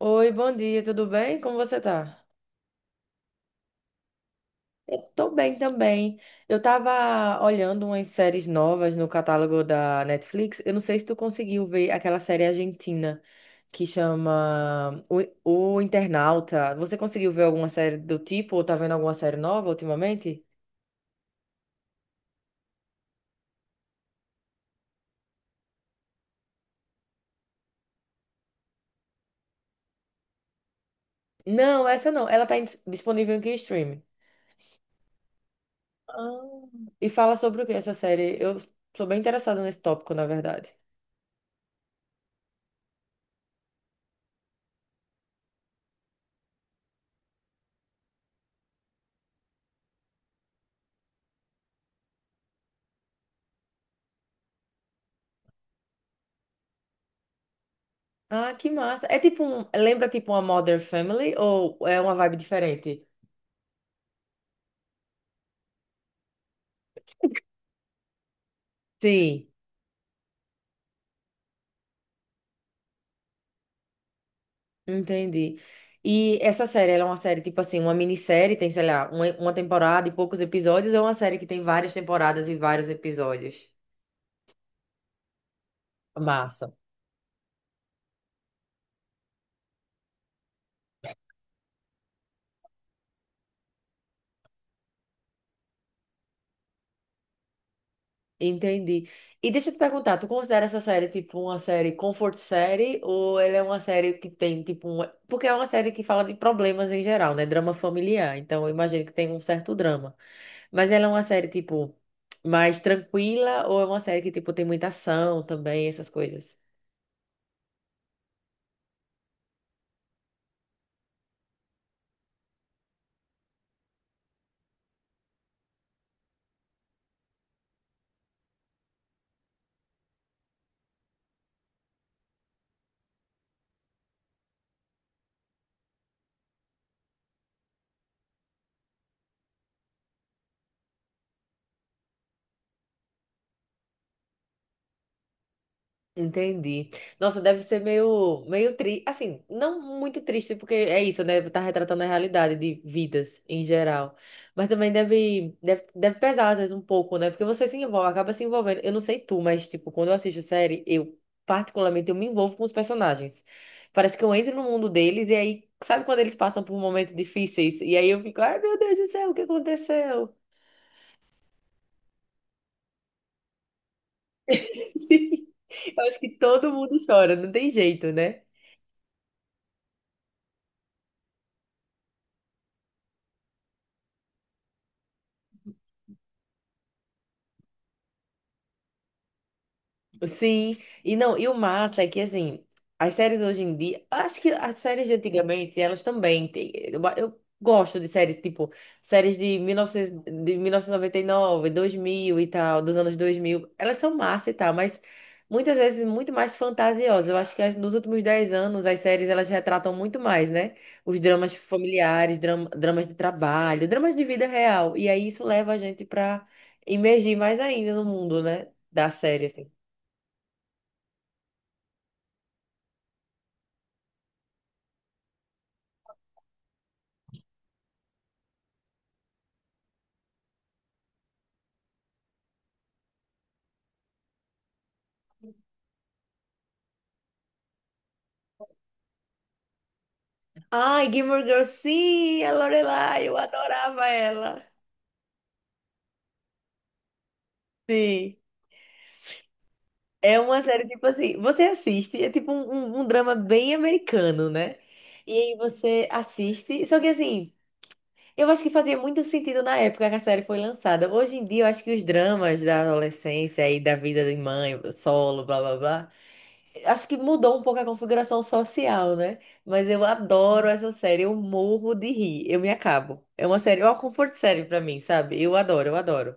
Oi, bom dia, tudo bem? Como você tá? Eu tô bem também. Eu tava olhando umas séries novas no catálogo da Netflix. Eu não sei se tu conseguiu ver aquela série argentina que chama O Internauta. Você conseguiu ver alguma série do tipo ou tá vendo alguma série nova ultimamente? Não, essa não. Ela tá disponível em que streaming? Ah. E fala sobre o que essa série? Eu sou bem interessada nesse tópico, na verdade. Ah, que massa. É tipo um. Lembra tipo uma Modern Family ou é uma vibe diferente? Sim, entendi. E essa série, ela é uma série tipo assim, uma minissérie, tem, sei lá, uma temporada e poucos episódios, ou é uma série que tem várias temporadas e vários episódios? Massa. Entendi. E deixa eu te perguntar, tu considera essa série tipo uma série comfort série ou ela é uma série que tem tipo um. Porque é uma série que fala de problemas em geral, né? Drama familiar, então eu imagino que tem um certo drama. Mas ela é uma série tipo mais tranquila ou é uma série que tipo tem muita ação também, essas coisas? Entendi. Nossa, deve ser meio, meio triste. Assim, não muito triste, porque é isso, né? Tá retratando a realidade de vidas em geral. Mas também deve pesar, às vezes, um pouco, né? Porque você se envolve, acaba se envolvendo. Eu não sei tu, mas, tipo, quando eu assisto série, eu, particularmente, eu me envolvo com os personagens. Parece que eu entro no mundo deles e aí, sabe quando eles passam por momentos difíceis? E aí eu fico, ai, meu Deus do céu, o que aconteceu? Eu acho que todo mundo chora, não tem jeito, né? Sim, e não, e o massa é que assim, as séries hoje em dia, acho que as séries de antigamente, elas também têm. Eu gosto de séries tipo séries de 1900 de mil novecentos e noventa e nove 2000 e tal, dos anos 2000. Elas são massa e tal, mas muitas vezes muito mais fantasiosas. Eu acho que nos últimos 10 anos as séries elas retratam muito mais, né? Os dramas familiares, dramas de trabalho, dramas de vida real. E aí isso leva a gente pra imergir mais ainda no mundo, né? Da série, assim. Ai, Gilmore Girls, sim, a Lorelai, eu adorava ela. Sim. É uma série, tipo assim, você assiste, é tipo um drama bem americano, né? E aí você assiste, só que assim, eu acho que fazia muito sentido na época que a série foi lançada. Hoje em dia, eu acho que os dramas da adolescência e da vida de mãe, solo, blá blá blá. Acho que mudou um pouco a configuração social, né? Mas eu adoro essa série, eu morro de rir, eu me acabo. É uma série, é uma comfort série pra mim, sabe? Eu adoro, eu adoro.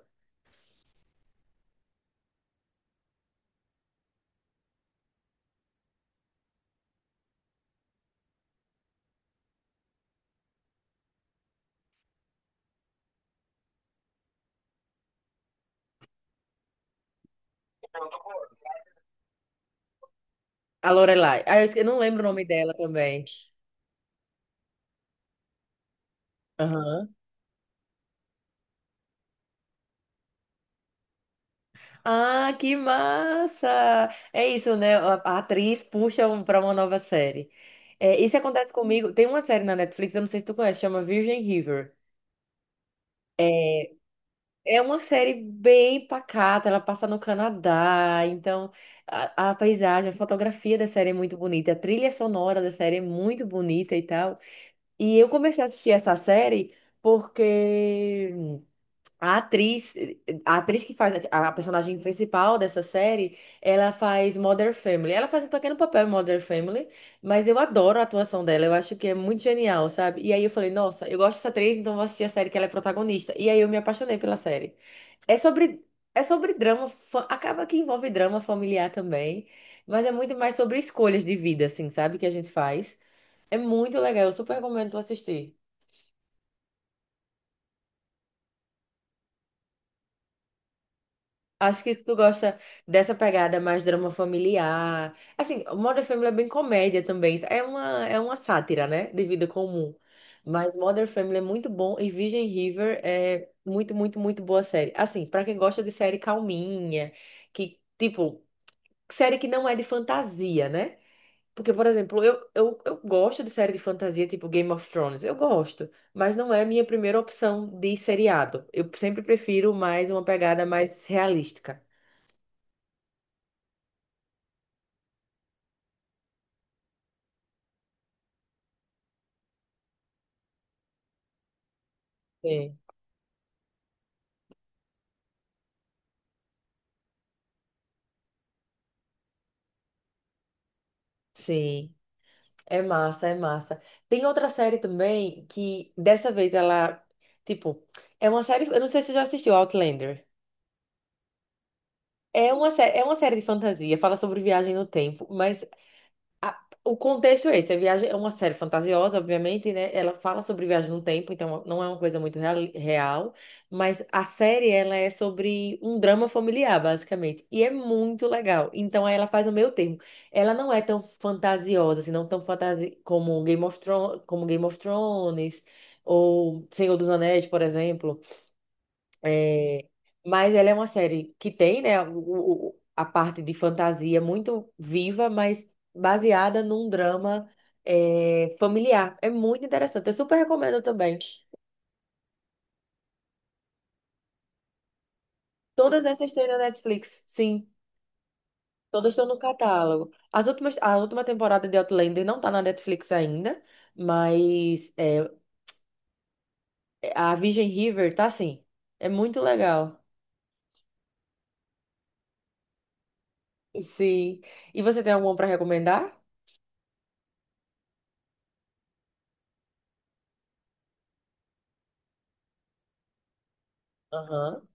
A Lorelai. Ah, eu não lembro o nome dela também. Aham. Ah, que massa! É isso, né? A atriz puxa pra uma nova série. É, isso acontece comigo. Tem uma série na Netflix, eu não sei se tu conhece, chama Virgin River. É, É uma série bem pacata, ela passa no Canadá, então a paisagem, a fotografia da série é muito bonita, a trilha sonora da série é muito bonita e tal. E eu comecei a assistir essa série porque a atriz, a atriz que faz a personagem principal dessa série, ela faz Modern Family. Ela faz um pequeno papel em Modern Family, mas eu adoro a atuação dela, eu acho que é muito genial, sabe? E aí eu falei, nossa, eu gosto dessa atriz, então eu vou assistir a série que ela é protagonista. E aí eu me apaixonei pela série. É sobre, é sobre drama, acaba que envolve drama familiar também, mas é muito mais sobre escolhas de vida, assim, sabe? Que a gente faz. É muito legal, eu super recomendo tu assistir. Acho que tu gosta dessa pegada mais drama familiar. Assim, Modern Family é bem comédia também. É uma sátira, né? De vida comum. Mas Modern Family é muito bom e Virgin River é muito, muito, muito boa série. Assim, pra quem gosta de série calminha, que, tipo, série que não é de fantasia, né? Porque, por exemplo, eu gosto de série de fantasia tipo Game of Thrones, eu gosto, mas não é minha primeira opção de seriado. Eu sempre prefiro mais uma pegada mais realística. Sim. Sim, é massa, é massa. Tem outra série também que dessa vez ela, tipo, é uma série, eu não sei se você já assistiu Outlander. É uma série de fantasia, fala sobre viagem no tempo, mas a- o contexto é esse, a viagem é uma série fantasiosa, obviamente, né? Ela fala sobre viagem no tempo, então não é uma coisa muito real, real, mas a série ela é sobre um drama familiar, basicamente, e é muito legal. Então aí ela faz o meio termo. Ela não é tão fantasiosa, assim, não tão fantasi como Game of Thrones ou Senhor dos Anéis, por exemplo. É, mas ela é uma série que tem, né, a parte de fantasia muito viva, mas baseada num drama, é, familiar. É muito interessante. Eu super recomendo também. Todas essas têm na Netflix, sim. Todas estão no catálogo. As últimas, a última temporada de Outlander não tá na Netflix ainda, mas é, a Virgin River tá sim. É muito legal. Sim. E você tem alguma para recomendar? Aham.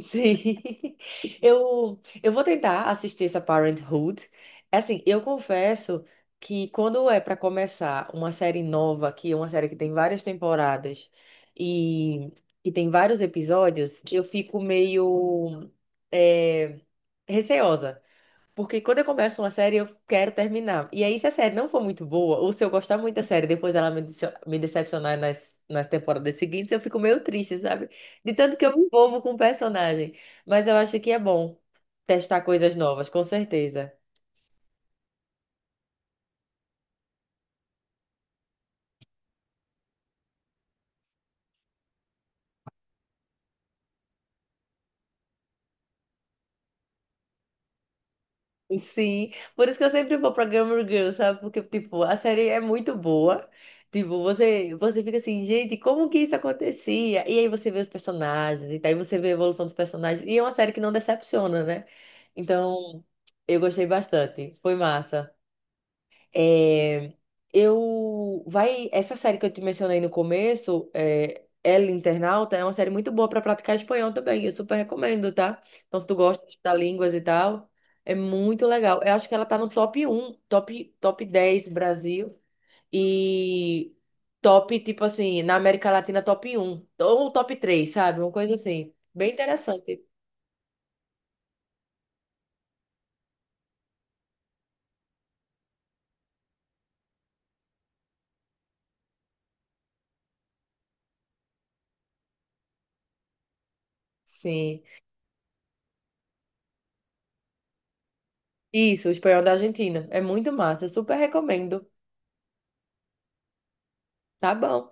Sim. Eu vou tentar assistir essa Parenthood. É. Assim, eu confesso que quando é para começar uma série nova, que é uma série que tem várias temporadas e que tem vários episódios, eu fico meio eh, receosa. Porque quando eu começo uma série, eu quero terminar. E aí, se a série não for muito boa, ou se eu gostar muito da série, depois ela me decepcionar nas temporadas seguintes, eu fico meio triste, sabe? De tanto que eu me envolvo com o personagem. Mas eu acho que é bom testar coisas novas, com certeza. Sim, por isso que eu sempre vou pra Gilmore Girls, sabe? Porque, tipo, a série é muito boa. Tipo, você fica assim, gente, como que isso acontecia? E aí você vê os personagens, e daí você vê a evolução dos personagens. E é uma série que não decepciona, né? Então, eu gostei bastante. Foi massa. É, eu vai essa série que eu te mencionei no começo, é, El Internauta, é uma série muito boa para praticar espanhol também. Eu super recomendo, tá? Então, se tu gosta de estudar línguas e tal, é muito legal. Eu acho que ela tá no top 10 Brasil e top, tipo assim, na América Latina, top 1 ou top 3, sabe? Uma coisa assim, bem interessante. Sim. Isso, o espanhol da Argentina. É muito massa, eu super recomendo. Tá bom.